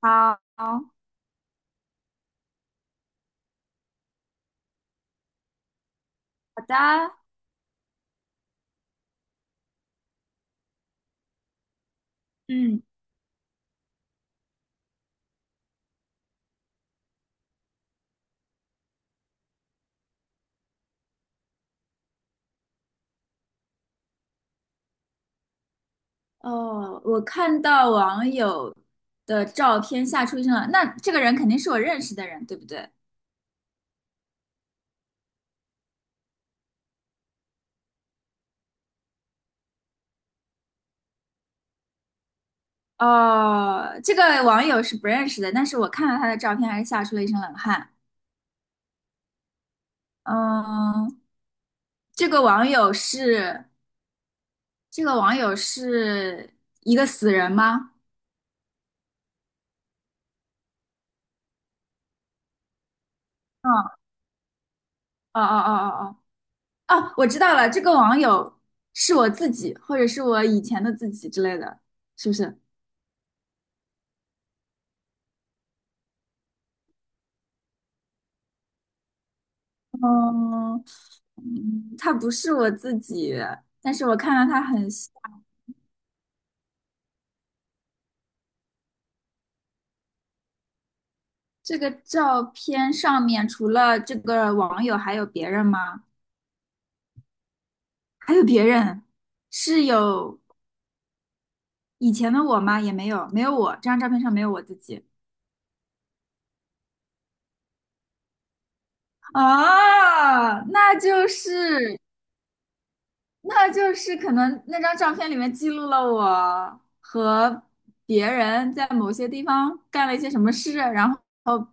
好，好的。哦，我看到网友的照片吓出一身冷，那这个人肯定是我认识的人，对不对？哦，这个网友是不认识的，但是我看到他的照片，还是吓出了一身冷汗。嗯，这个网友是这个网友是一个死人吗？嗯，哦哦哦哦哦，我知道了，这个网友是我自己，或者是我以前的自己之类的，是不是？嗯它不是我自己，但是我看到他很像。这个照片上面除了这个网友，还有别人吗？还有别人，是有以前的我吗？也没有，没有我。这张照片上没有我自己。啊，那就是可能那张照片里面记录了我和别人在某些地方干了一些什么事，然后。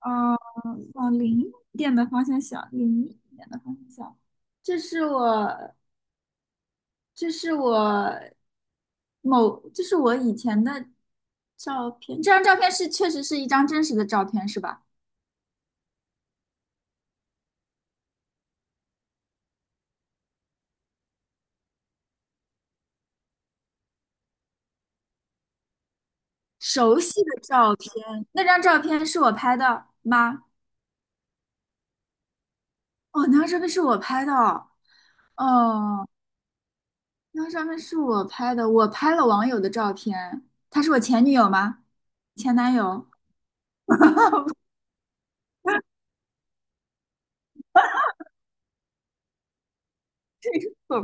嗯，往零一点的方向想，零一点的方向想。这是我，这是我某，这是我以前的照片。这张照片是确实是一张真实的照片，是吧？熟悉的照片，那张照片是我拍的吗？哦，那张照片是我拍的哦。哦，那张照片是我拍的，我拍了网友的照片。她是我前女友吗？前男友？不。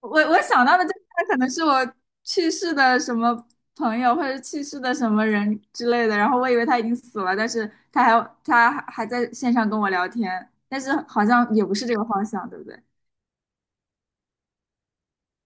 我想到的这个可能是我去世的什么朋友，或者是去世的什么人之类的，然后我以为他已经死了，但是他还在线上跟我聊天，但是好像也不是这个方向，对不对？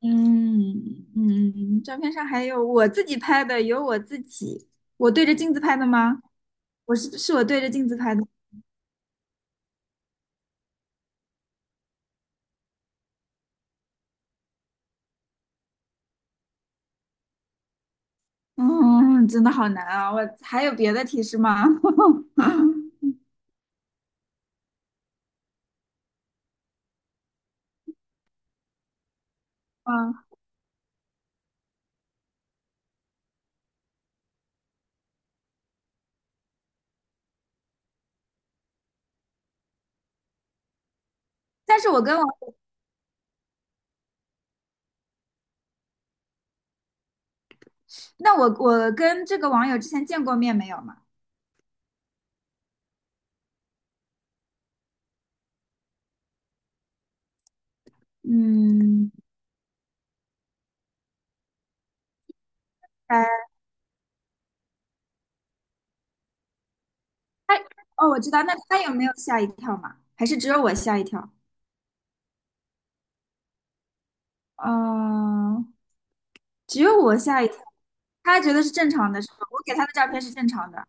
嗯，嗯，照片上还有我自己拍的，有我自己，我对着镜子拍的吗？我是我对着镜子拍的。嗯，真的好难啊！我还有别的提示吗？嗯，但是我跟我，那我跟这个网友之前见过面没有嘛？嗯，呃，他哦，我知道，那他有没有吓一跳嘛？还是只有我吓一跳？嗯、只有我吓一跳。他觉得是正常的，是吧？我给他的照片是正常的。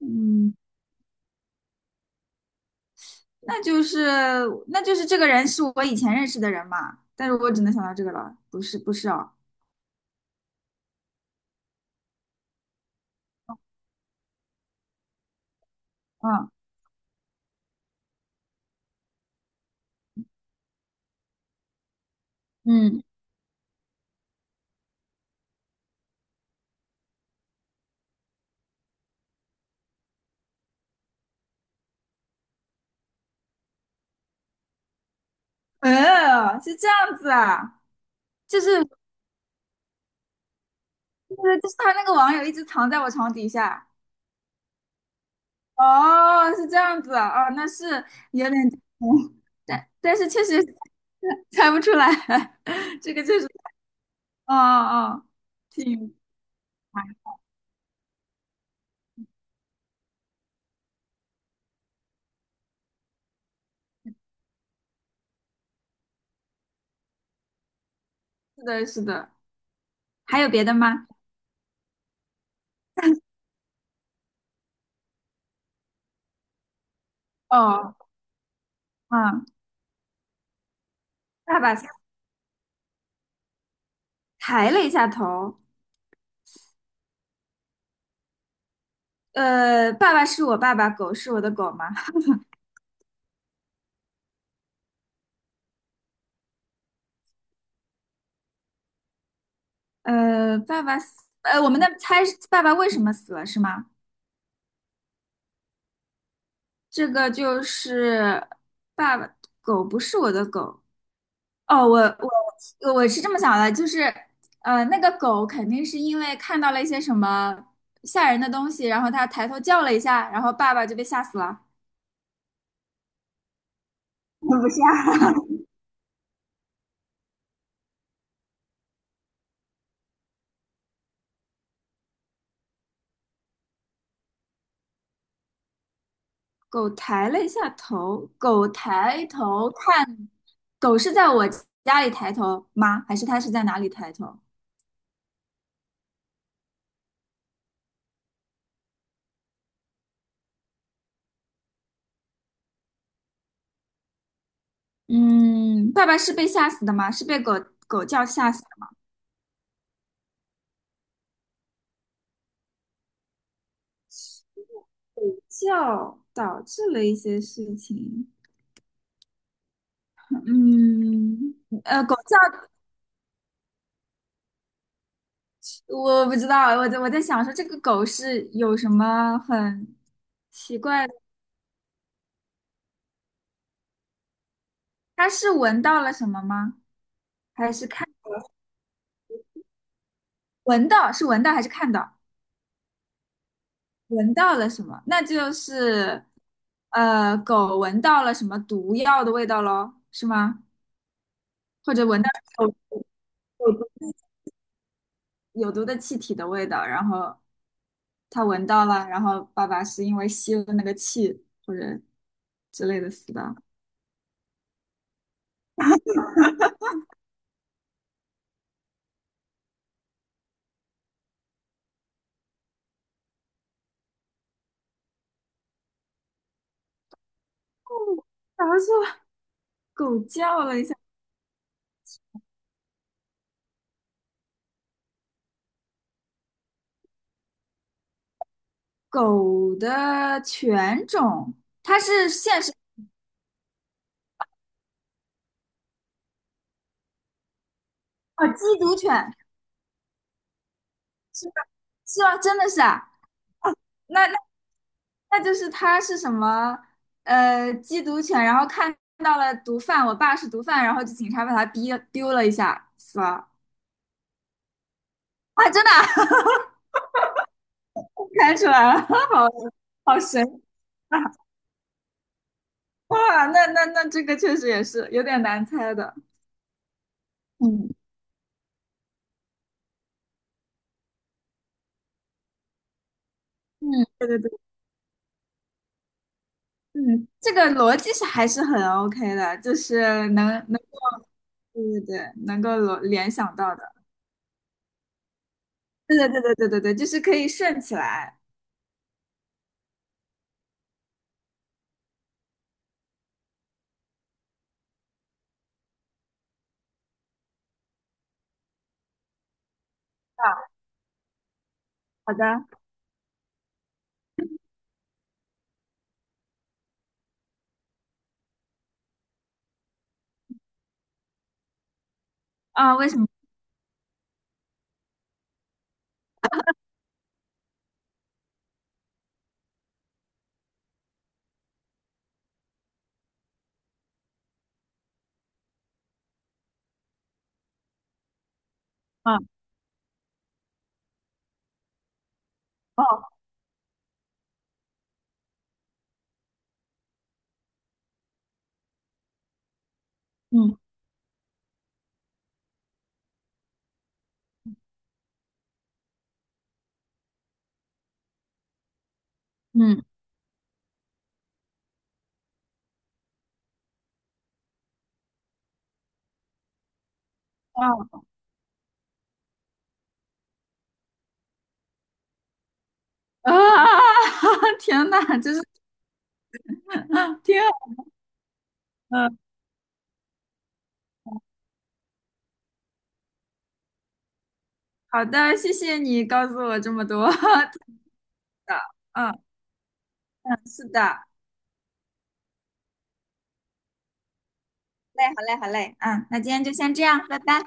嗯，那就是这个人是我以前认识的人嘛？但是我只能想到这个了，不是不是哦，嗯，嗯，是这样子啊，就是就是就是他那个网友一直藏在我床底下，哦，是这样子啊，哦，那是有点，嗯，但但是确实猜不出来，这个确实，哦哦，挺是的，是的，还有别的吗？哦，嗯，爸爸抬了一下头，爸爸是我爸爸，狗是我的狗吗？呃，爸爸死，呃，我们的猜是爸爸为什么死了是吗？这个就是爸爸，狗不是我的狗，哦，我是这么想的，就是，那个狗肯定是因为看到了一些什么吓人的东西，然后它抬头叫了一下，然后爸爸就被吓死了 我不吓。狗抬了一下头，狗抬头看，狗是在我家里抬头吗？还是它是在哪里抬头？嗯，爸爸是被吓死的吗？是被狗叫吓死的？狗叫导致了一些事情。嗯，狗叫。我不知道，我在想说这个狗是有什么很奇怪的？它是闻到了什么吗？还是看闻到是闻到还是看到？闻到了什么？那就是狗闻到了什么毒药的味道咯，是吗？或者闻到有有毒有毒的气体的味道，然后它闻到了，然后爸爸是因为吸了那个气或者之类的死的。哦，然后说狗叫了一下。狗的犬种，它是现实哦，缉毒犬是吗？真的是啊？那那就是它是什么？缉毒犬，然后看到了毒贩，我爸是毒贩，然后就警察把他逼丢了一下，死了。啊，真的啊 看出来了，好好神奇啊！哇，那那这个确实也是有点难猜的。嗯，嗯，对对对，嗯，这个逻辑是还是很 OK 的，就是能能。对对对，能够联联想到的，对对对对对对对，就是可以顺起来。啊，好的啊，为什么啊？哦，嗯嗯，啊啊，天呐，就是天，嗯，好的，谢谢你告诉我这么多，对的，嗯，是的，好嘞，好嘞，好嘞，嗯，那今天就先这样，拜拜。